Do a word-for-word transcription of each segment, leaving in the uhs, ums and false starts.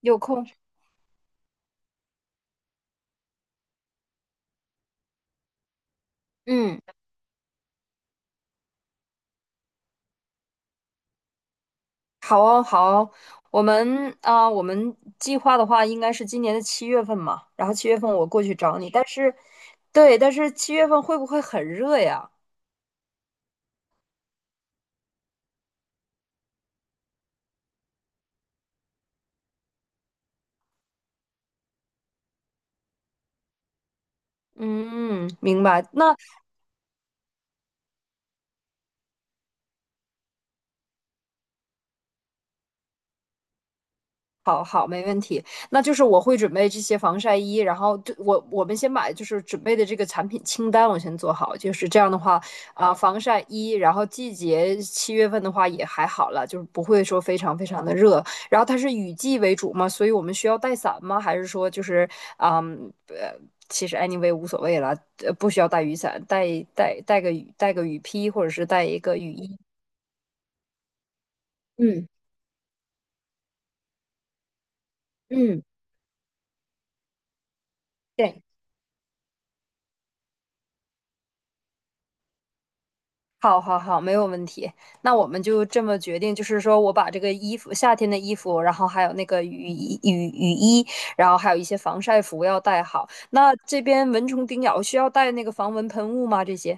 有空，嗯，好哦，好哦，我们啊、我们计划的话应该是今年的七月份嘛，然后七月份我过去找你，但是，对，但是七月份会不会很热呀？嗯，明白。那那就是我会准备这些防晒衣，然后就我我们先把就是准备的这个产品清单我先做好，就是这样的话啊、呃防晒衣，然后季节七月份的话也还好了，就是不会说非常非常的热，然后它是雨季为主嘛，所以我们需要带伞吗？还是说就是啊呃，其实 anyway 无所谓了，呃，不需要带雨伞，带带带个雨带个雨披或者是带一个雨衣。嗯嗯，对。好，好，好，没有问题。那我们就这么决定，就是说我把这个衣服，夏天的衣服，然后还有那个雨衣、雨雨衣，然后还有一些防晒服要带好。那这边蚊虫叮咬需要带那个防蚊喷雾吗？这些？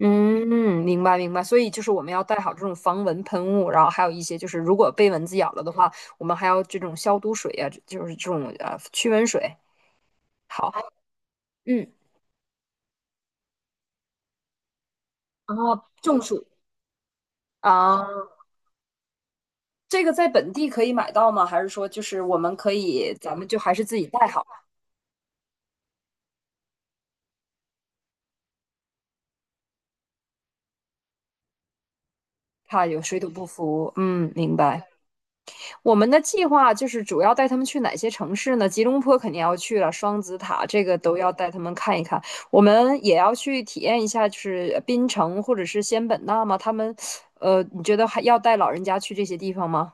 嗯，明白明白。所以就是我们要带好这种防蚊喷雾，然后还有一些就是如果被蚊子咬了的话，我们还要这种消毒水呀、就是这种呃驱蚊水。好，嗯，然后中暑啊。这个在本地可以买到吗？还是说就是我们可以，咱们就还是自己带好，怕有水土不服？嗯，明白。我们的计划就是主要带他们去哪些城市呢？吉隆坡肯定要去了，双子塔这个都要带他们看一看。我们也要去体验一下，就是槟城或者是仙本那吗？他们，呃，你觉得还要带老人家去这些地方吗？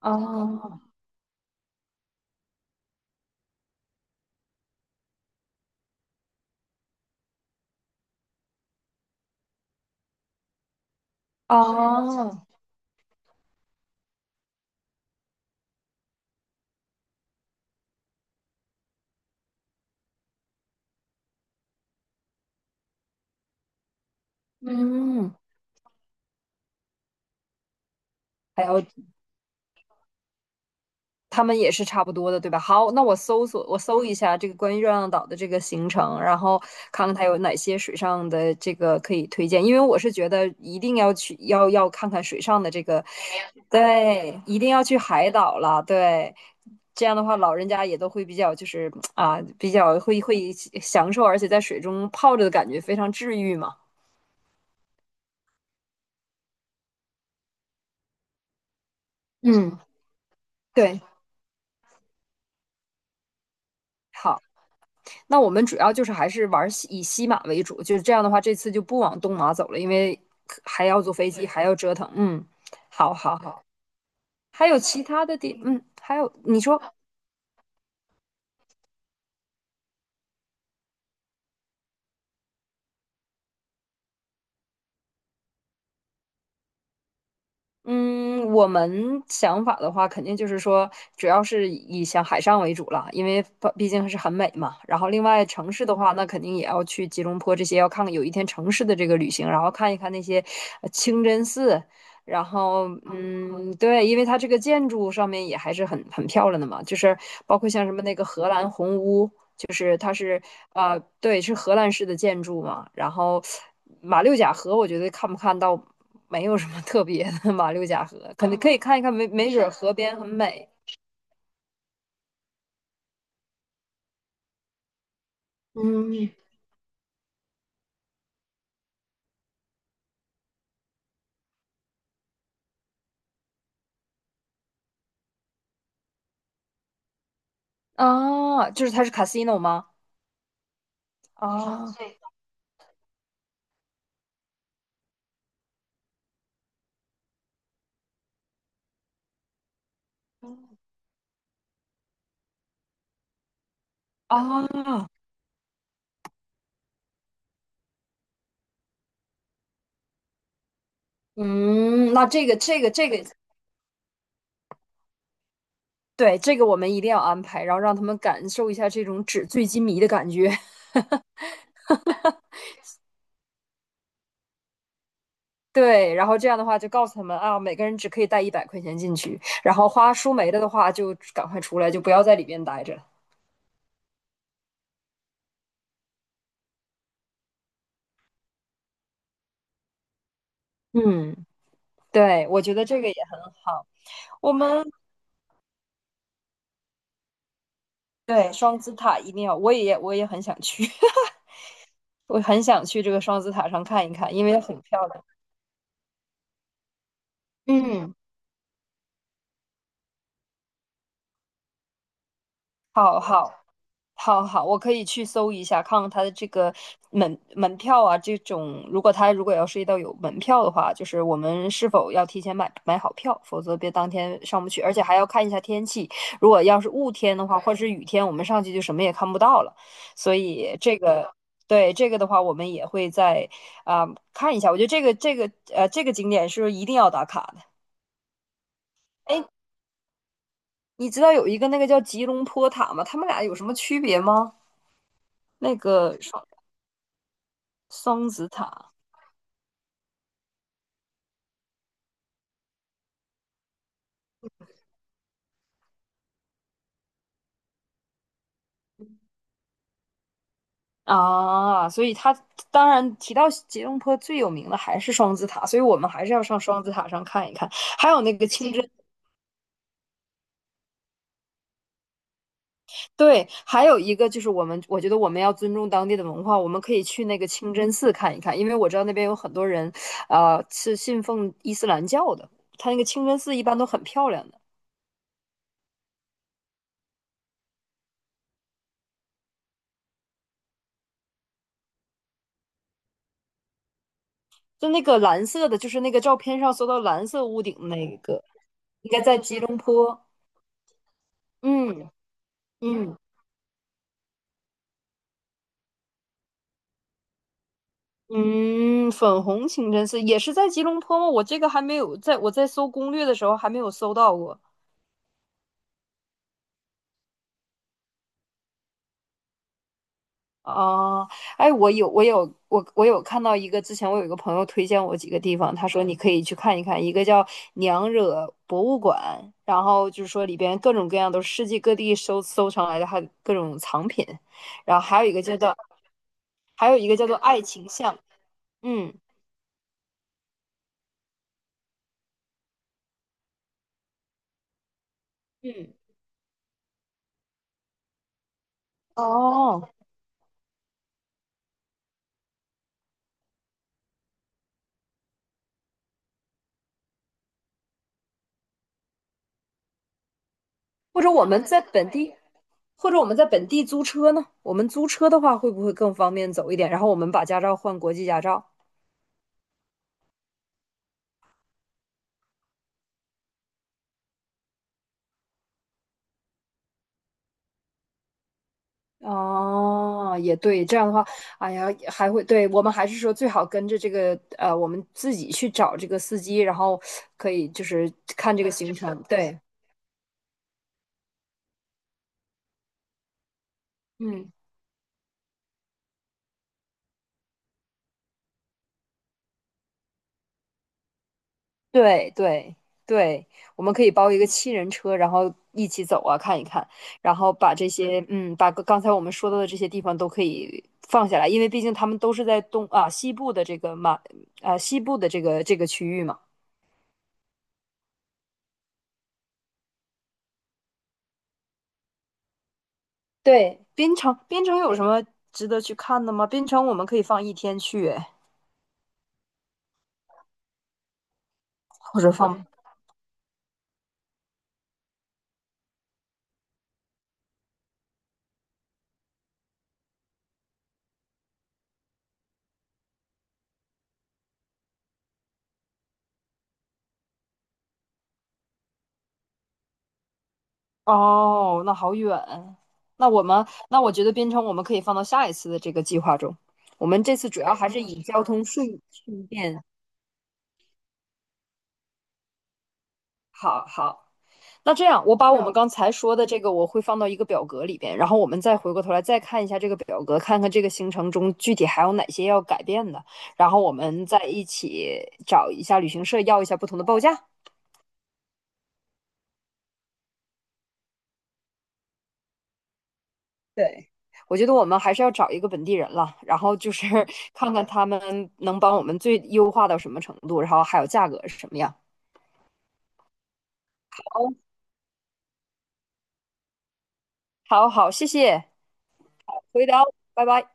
哦哦，嗯，还要他们也是差不多的，对吧？好，那我搜索，我搜一下这个关于热浪岛的这个行程，然后看看它有哪些水上的这个可以推荐。因为我是觉得一定要去，要要看看水上的这个，对，一定要去海岛了，对。这样的话，老人家也都会比较就是啊，比较会会享受，而且在水中泡着的感觉非常治愈嘛。嗯，对，好。那我们主要就是还是玩西以西马为主，就是这样的话，这次就不往东马走了，因为还要坐飞机，还要折腾。嗯，好好好，还有其他的地，嗯，还有你说，嗯，我们想法的话，肯定就是说，主要是以像海上为主了，因为毕毕竟是很美嘛。然后另外城市的话，那肯定也要去吉隆坡这些，要看看有一天城市的这个旅行，然后看一看那些呃清真寺。然后，嗯，对，因为它这个建筑上面也还是很很漂亮的嘛，就是包括像什么那个荷兰红屋。就是它是呃，对，是荷兰式的建筑嘛。然后马六甲河，我觉得看不看到没有什么特别的马六甲河，可能可以看一看，没没准河边很美。嗯，啊，就是它是 casino 吗？啊啊，嗯，那这个这个这个，对，这个我们一定要安排，然后让他们感受一下这种纸醉金迷的感觉。对，然后这样的话就告诉他们啊，每个人只可以带一百块钱进去，然后花输没了的话就赶快出来，就不要在里边待着。嗯，对，我觉得这个也很好。我们对双子塔一定要，我也我也很想去，我很想去这个双子塔上看一看，因为很漂亮。嗯。好好好好，我可以去搜一下，看看它的这个门门票啊，这种如果它如果要涉及到有门票的话，就是我们是否要提前买买好票，否则别当天上不去，而且还要看一下天气，如果要是雾天的话，或者是雨天，我们上去就什么也看不到了，所以这个。对这个的话，我们也会在啊、看一下。我觉得这个这个呃这个景点是一定要打卡的。哎。你知道有一个那个叫吉隆坡塔吗？他们俩有什么区别吗？那个双双子塔啊，所以它当然提到吉隆坡最有名的还是双子塔，所以我们还是要上双子塔上看一看。还有那个清真，对，还有一个就是我们，我觉得我们要尊重当地的文化，我们可以去那个清真寺看一看，因为我知道那边有很多人，呃，是信奉伊斯兰教的，他那个清真寺一般都很漂亮的。就那个蓝色的，就是那个照片上搜到蓝色屋顶那个，应该在吉隆坡。嗯嗯嗯，粉红清真寺也是在吉隆坡吗？我这个还没有在，我在搜攻略的时候还没有搜到过。啊，哎，我有我有我我有看到一个，之前我有一个朋友推荐我几个地方，他说你可以去看一看，一个叫娘惹博物馆，然后就是说里边各种各样都是世界各地收收藏来的，还有各种藏品，然后还有一个叫做还有一个叫做爱情巷，嗯，嗯，哦，或者我们在本地，或者我们在本地租车呢？我们租车的话，会不会更方便走一点？然后我们把驾照换国际驾照。哦，也对，这样的话，哎呀，还会，对，我们还是说最好跟着这个，呃，我们自己去找这个司机，然后可以就是看这个行程，对，嗯。对对对，我们可以包一个七人车，然后一起走啊，看一看，然后把这些，嗯，把个刚才我们说到的这些地方都可以放下来，因为毕竟他们都是在东啊西部的这个马啊西部的这个这个区域嘛。对，边城边城有什么值得去看的吗？边城我们可以放一天去，哎或者放，哦，那好远。那我们那我觉得边城我们可以放到下一次的这个计划中。我们这次主要还是以交通顺顺便好好，那这样我把我们刚才说的这个我会放到一个表格里边，然后我们再回过头来再看一下这个表格，看看这个行程中具体还有哪些要改变的，然后我们再一起找一下旅行社要一下不同的报价。对，我觉得我们还是要找一个本地人了，然后就是 看看他们能帮我们最优化到什么程度，然后还有价格是什么样。好，好，好，谢谢，回聊，拜拜。